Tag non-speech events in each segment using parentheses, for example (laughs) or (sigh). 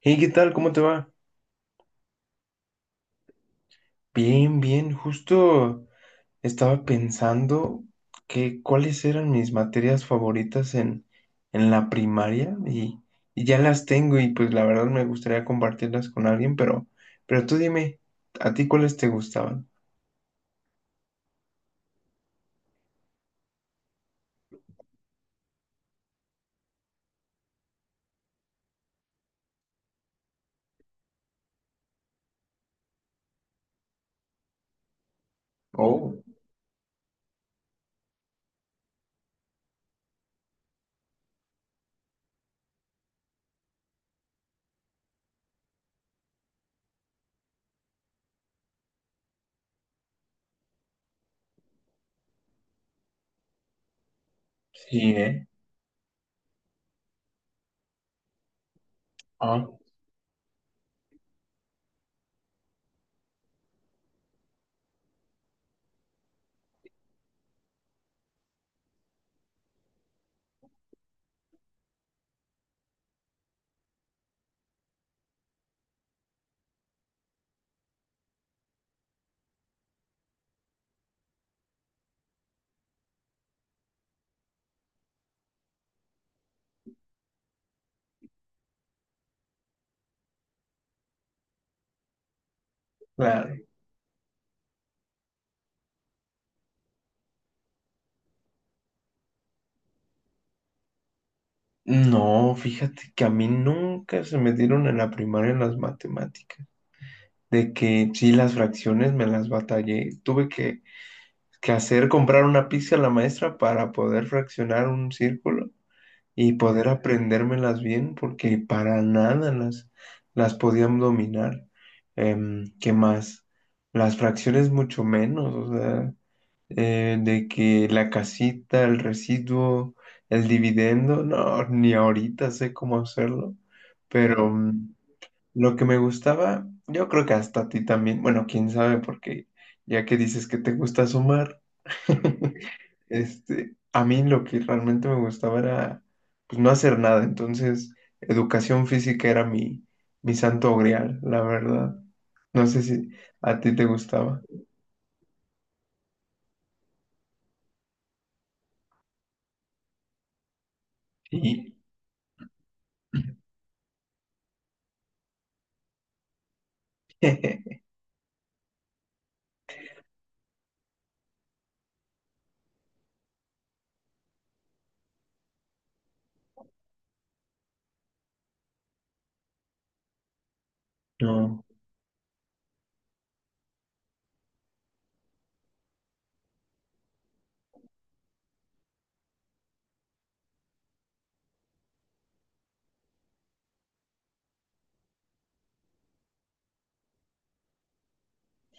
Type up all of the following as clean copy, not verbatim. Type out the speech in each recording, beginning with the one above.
Hey, ¿qué tal? ¿Cómo te va? Bien, bien. Justo estaba pensando que cuáles eran mis materias favoritas en la primaria y ya las tengo y pues la verdad me gustaría compartirlas con alguien, pero tú dime, ¿a ti cuáles te gustaban? Oh, sí, ¿eh? Ah, claro. No, fíjate que a mí nunca se me dieron en la primaria las matemáticas. De que sí, las fracciones me las batallé. Tuve que hacer comprar una pizca a la maestra para poder fraccionar un círculo y poder aprendérmelas bien, porque para nada las podían dominar. ¿Qué más? Las fracciones mucho menos, o sea, de que la casita, el residuo, el dividendo, no, ni ahorita sé cómo hacerlo, pero lo que me gustaba, yo creo que hasta a ti también, bueno, quién sabe, porque ya que dices que te gusta sumar, (laughs) a mí lo que realmente me gustaba era, pues, no hacer nada, entonces, educación física era mi santo grial, la verdad. No sé si a ti te gustaba. Y, (laughs) no,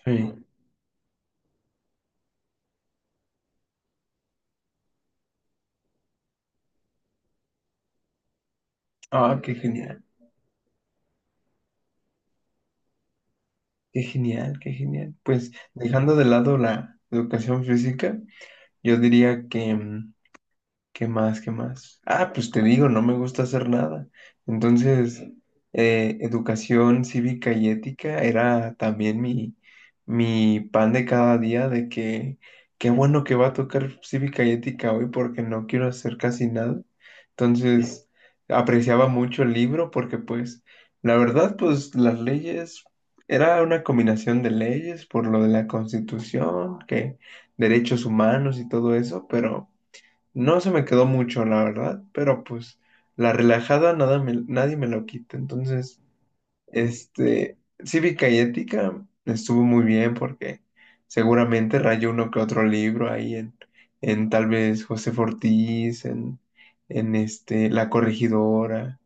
sí. Ah, qué genial, qué genial, qué genial. Pues, dejando de lado la educación física, yo diría que ¿qué más? ¿Qué más? Ah, pues te digo, no me gusta hacer nada. Entonces, educación cívica y ética era también mi pan de cada día de que qué bueno que va a tocar cívica y ética hoy porque no quiero hacer casi nada. Entonces, apreciaba mucho el libro porque pues, la verdad, pues las leyes, era una combinación de leyes por lo de la Constitución, que derechos humanos y todo eso, pero no se me quedó mucho, la verdad, pero pues la relajada nada me, nadie me lo quita. Entonces, este, Cívica y Ética estuvo muy bien porque seguramente rayó uno que otro libro ahí en tal vez José Fortís, en La Corregidora,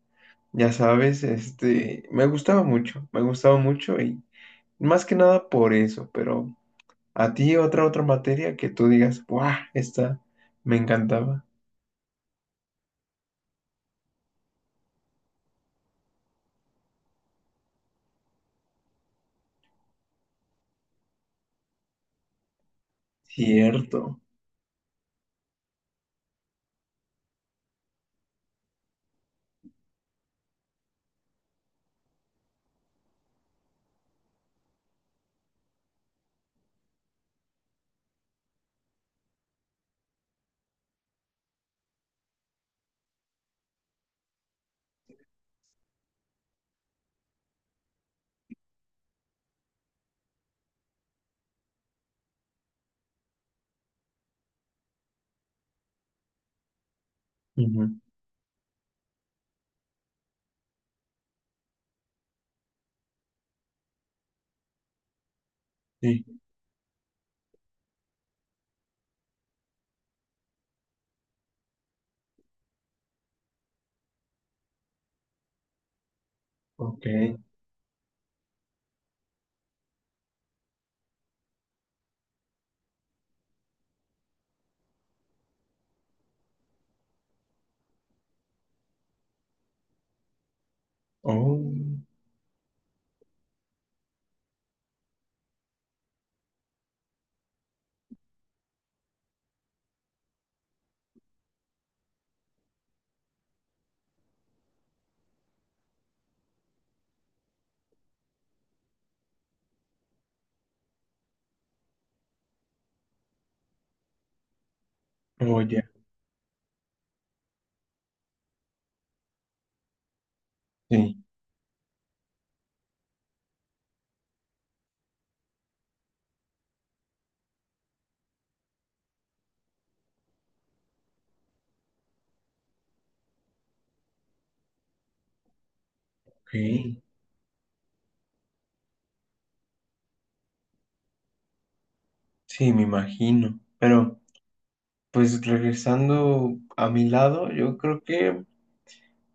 ya sabes, me gustaba mucho y más que nada por eso, pero a ti otra materia que tú digas, ¡buah! Esta me encantaba. Cierto. Ujú. Sí, ok. Oh, oh, ya. Sí, ok. Sí, me imagino. Pero, pues regresando a mi lado, yo creo que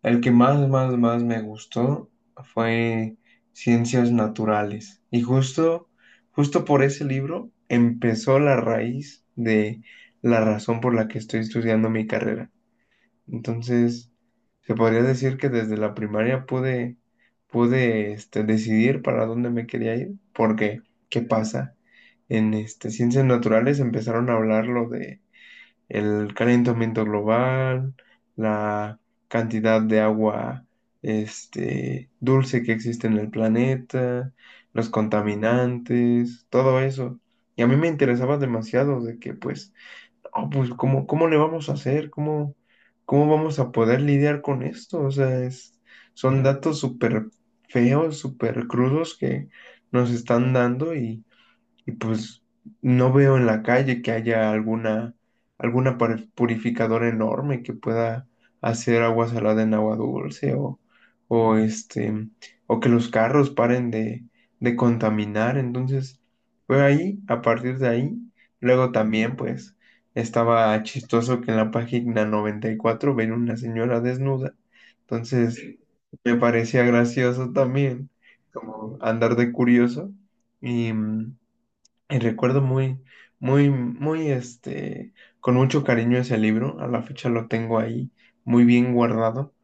el que más me gustó fue Ciencias Naturales. Y justo por ese libro empezó la raíz de la razón por la que estoy estudiando mi carrera. Entonces, se podría decir que desde la primaria pude decidir para dónde me quería ir, porque, ¿qué pasa? En ciencias naturales empezaron a hablar lo de el calentamiento global, la cantidad de agua dulce que existe en el planeta, los contaminantes, todo eso. Y a mí me interesaba demasiado de que, pues, "No, pues, ¿cómo le vamos a hacer? ¿Cómo vamos a poder lidiar con esto? O sea, son datos súper feos, súper crudos que nos están dando y pues no veo en la calle que haya alguna purificadora enorme que pueda hacer agua salada en agua dulce o o que los carros paren de contaminar. Entonces, fue ahí, a partir de ahí, luego también pues estaba chistoso que en la página 94 ven una señora desnuda. Entonces, me parecía gracioso también, como andar de curioso. Y, mm, y recuerdo muy, con mucho cariño ese libro. A la fecha lo tengo ahí muy bien guardado.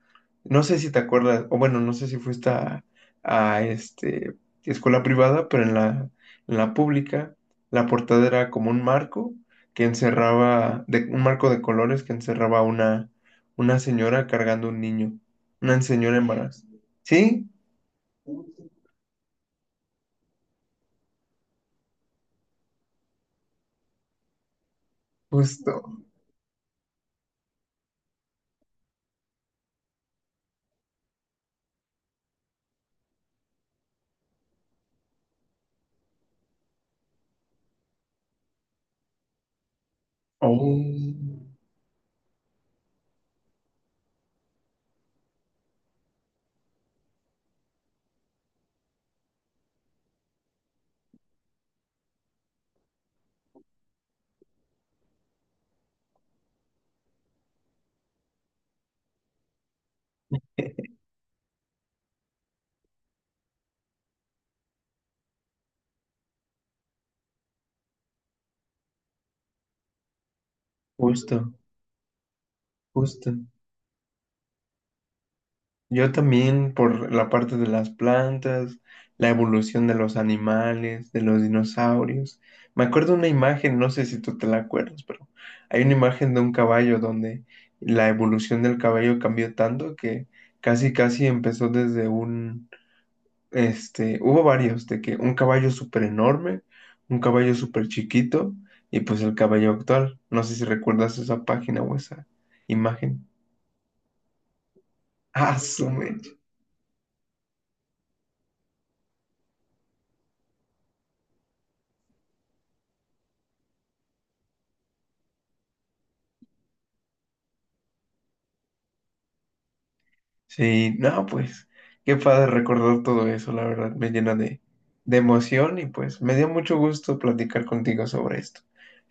No sé si te acuerdas, o bueno, no sé si fuiste a escuela privada, pero en en la pública, la portada era como un marco que un marco de colores que encerraba una señora cargando un niño. Una señora embarazada. Sí, justo. Oh, justo, justo. Yo también por la parte de las plantas, la evolución de los animales, de los dinosaurios. Me acuerdo una imagen, no sé si tú te la acuerdas, pero hay una imagen de un caballo donde la evolución del caballo cambió tanto que casi casi empezó desde un hubo varios, de que un caballo súper enorme, un caballo súper chiquito y pues el caballo actual. No sé si recuerdas esa página o esa imagen. Ah, su mecha. Sí, no, pues qué padre recordar todo eso, la verdad, me llena de emoción y pues me dio mucho gusto platicar contigo sobre esto.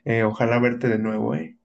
Ojalá verte de nuevo, ¿eh?